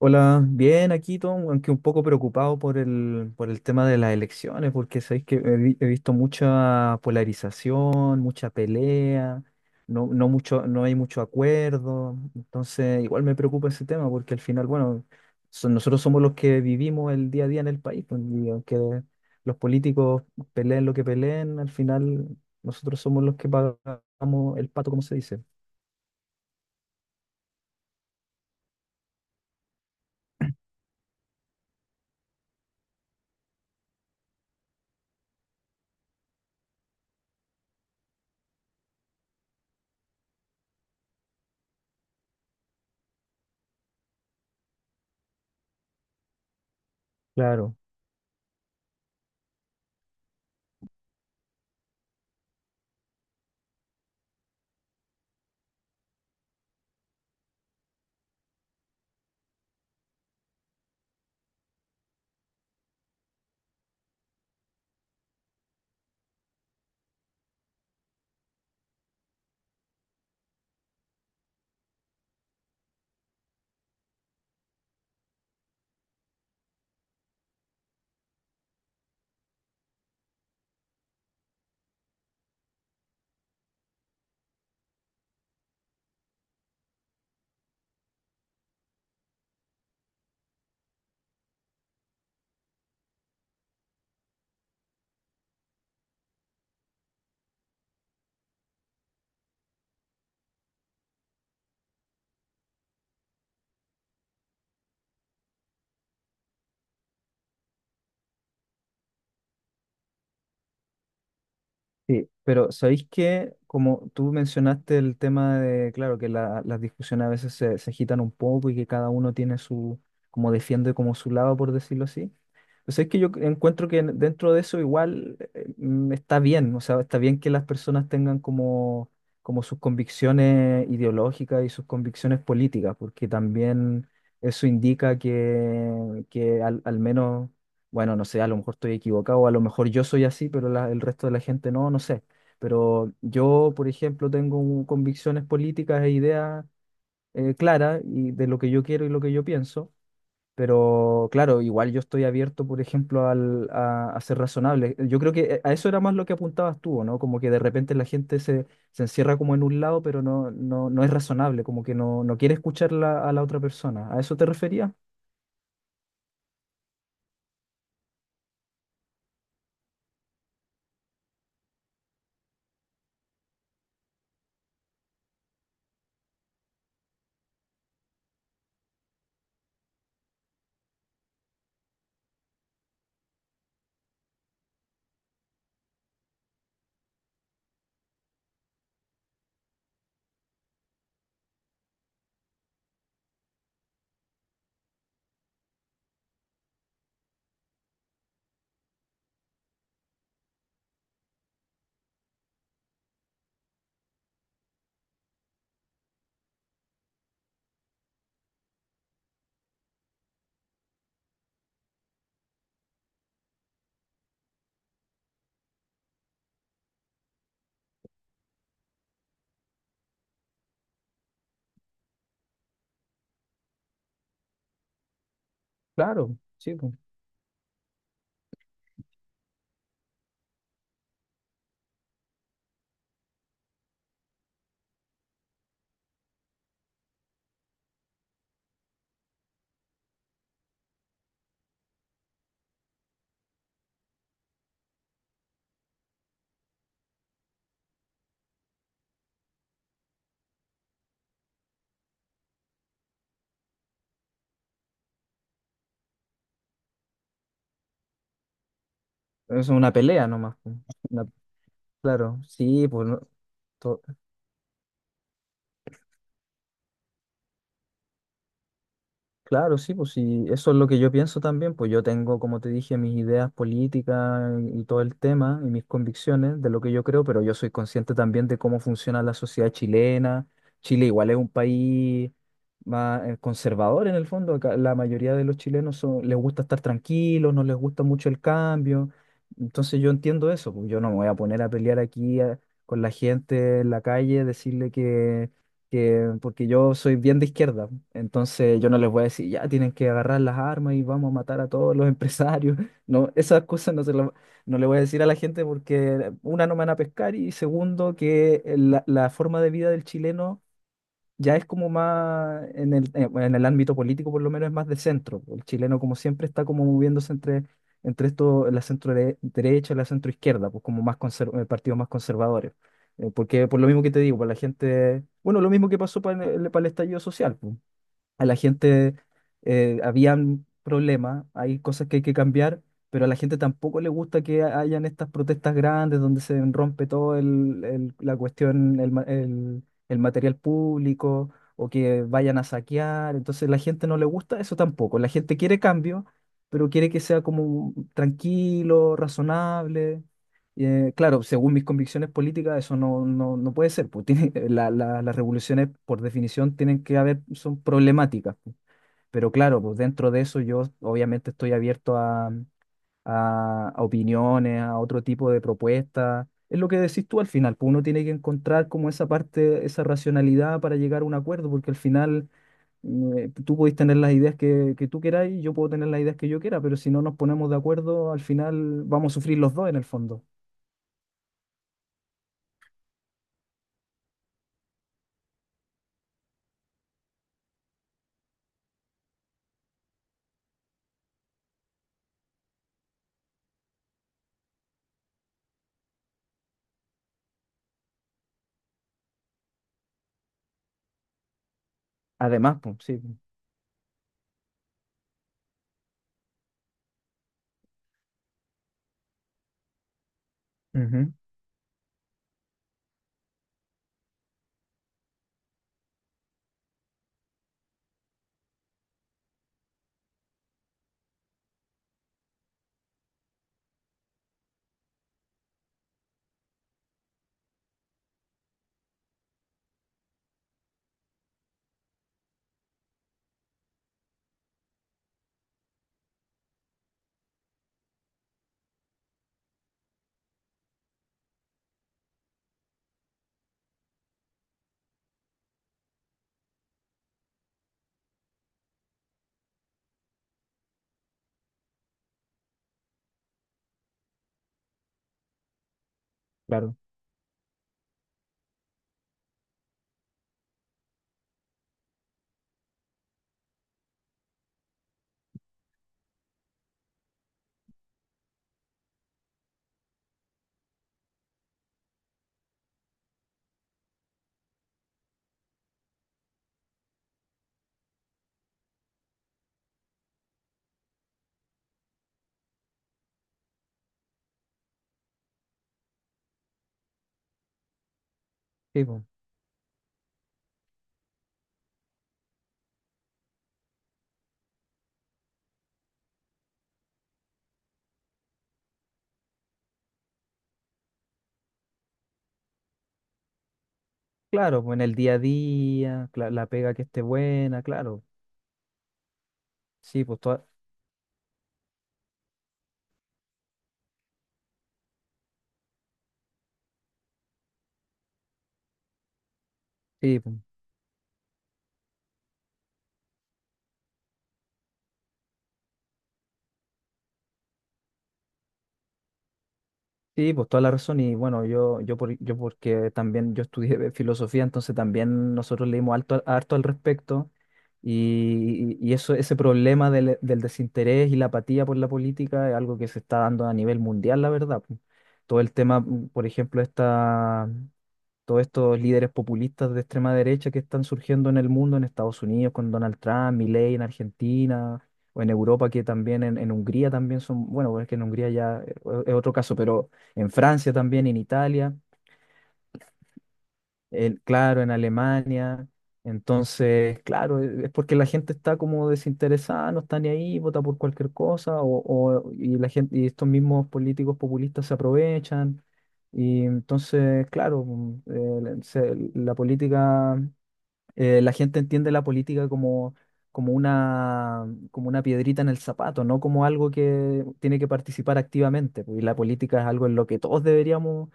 Hola, bien aquí, Tom, aunque un poco preocupado por el tema de las elecciones, porque sabéis que he visto mucha polarización, mucha pelea, no hay mucho acuerdo. Entonces igual me preocupa ese tema, porque al final, bueno, nosotros somos los que vivimos el día a día en el país, pues, y aunque los políticos peleen lo que peleen, al final nosotros somos los que pagamos el pato, como se dice. Claro. Sí, pero ¿sabéis que Como tú mencionaste el tema de, claro, que las discusiones a veces se agitan un poco y que cada uno tiene su, como defiende como su lado, por decirlo así. Pues es que yo encuentro que dentro de eso igual está bien, o sea, está bien que las personas tengan como, como sus convicciones ideológicas y sus convicciones políticas, porque también eso indica que al, al menos, bueno, no sé, a lo mejor estoy equivocado, a lo mejor yo soy así, pero el resto de la gente no, no sé. Pero yo, por ejemplo, tengo convicciones políticas e ideas claras, y de lo que yo quiero y lo que yo pienso. Pero claro, igual yo estoy abierto, por ejemplo, a ser razonable. Yo creo que a eso era más lo que apuntabas tú, ¿o no? Como que de repente la gente se, se encierra como en un lado, pero no es razonable, como que no, no quiere escuchar a la otra persona. ¿A eso te referías? Claro, sí, pues. Es una pelea nomás, pues. Una- claro, sí, pues no, to- claro, sí, pues sí, eso es lo que yo pienso también. Pues yo tengo, como te dije, mis ideas políticas y todo el tema y mis convicciones de lo que yo creo, pero yo soy consciente también de cómo funciona la sociedad chilena. Chile igual es un país más conservador en el fondo. Acá la mayoría de los chilenos les gusta estar tranquilos, no les gusta mucho el cambio. Entonces yo entiendo eso, pues yo no me voy a poner a pelear aquí con la gente en la calle, decirle que, porque yo soy bien de izquierda, entonces yo no les voy a decir, ya tienen que agarrar las armas y vamos a matar a todos los empresarios. No, esas cosas no se las, no le voy a decir a la gente, porque una, no me van a pescar, y segundo, que la forma de vida del chileno ya es como más, en el, bueno, en el ámbito político por lo menos es más de centro. El chileno como siempre está como moviéndose entre, entre esto, la derecha y la centro izquierda, pues como más partidos más conservadores. Porque por lo mismo que te digo, para la gente, bueno, lo mismo que pasó para para el estallido social, pues. A la gente habían problemas, hay cosas que hay que cambiar, pero a la gente tampoco le gusta que hayan estas protestas grandes donde se rompe todo la cuestión, el material público, o que vayan a saquear. Entonces la gente no le gusta eso tampoco. La gente quiere cambio, pero quiere que sea como tranquilo, razonable. Y, claro, según mis convicciones políticas, eso no puede ser. Pues tiene, las revoluciones, por definición, tienen que haber, son problemáticas, pues. Pero claro, pues dentro de eso yo obviamente estoy abierto a, a opiniones, a otro tipo de propuestas. Es lo que decís tú al final, pues uno tiene que encontrar como esa parte, esa racionalidad para llegar a un acuerdo, porque al final tú podés tener las ideas que tú quieras y yo puedo tener las ideas que yo quiera, pero si no nos ponemos de acuerdo, al final vamos a sufrir los dos en el fondo. Además, pues, sí, pues. Ujú, claro, sí, po. Claro, pues en el día a día, la pega que esté buena, claro. Sí, pues toda, sí, pues, sí, pues toda la razón. Y bueno, yo porque también yo estudié de filosofía, entonces también nosotros leímos harto, harto al respecto. Y eso, ese problema del desinterés y la apatía por la política es algo que se está dando a nivel mundial, la verdad, pues. Todo el tema, por ejemplo, esta. Todos estos líderes populistas de extrema derecha que están surgiendo en el mundo, en Estados Unidos con Donald Trump, Milei en Argentina, o en Europa que también, en Hungría también son, bueno, es que en Hungría ya es otro caso, pero en Francia también, en Italia claro, en Alemania. Entonces, claro, es porque la gente está como desinteresada, no está ni ahí, vota por cualquier cosa, o- y la gente, y estos mismos políticos populistas se aprovechan. Y entonces, claro, la política la gente entiende la política como, como una piedrita en el zapato, no como algo que tiene que participar activamente, pues. Y la política es algo en lo que todos deberíamos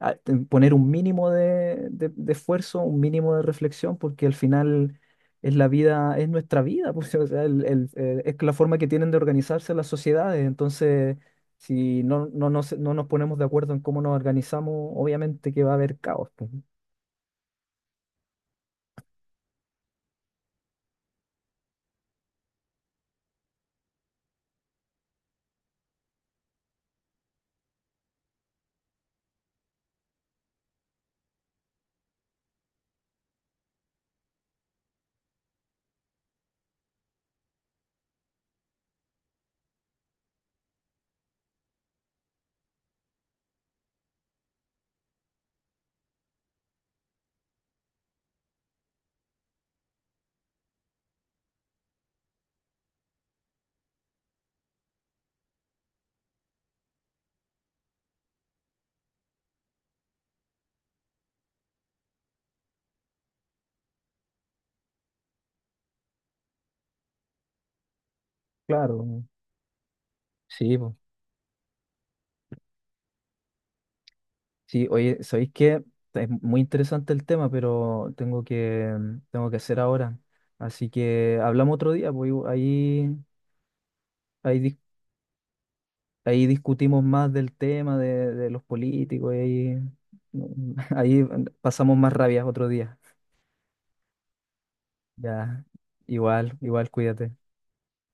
poner un mínimo de, de esfuerzo, un mínimo de reflexión, porque al final es la vida, es nuestra vida, pues, o sea, es la forma que tienen de organizarse las sociedades. Entonces, si no nos ponemos de acuerdo en cómo nos organizamos, obviamente que va a haber caos, pues. Claro, sí, pues. Sí, oye, ¿sabéis qué? Es muy interesante el tema, pero tengo que, tengo que hacer ahora. Así que hablamos otro día, pues, y ahí, ahí, dis- ahí discutimos más del tema de los políticos, y ahí, ahí pasamos más rabias otro día. Ya, igual, igual, cuídate.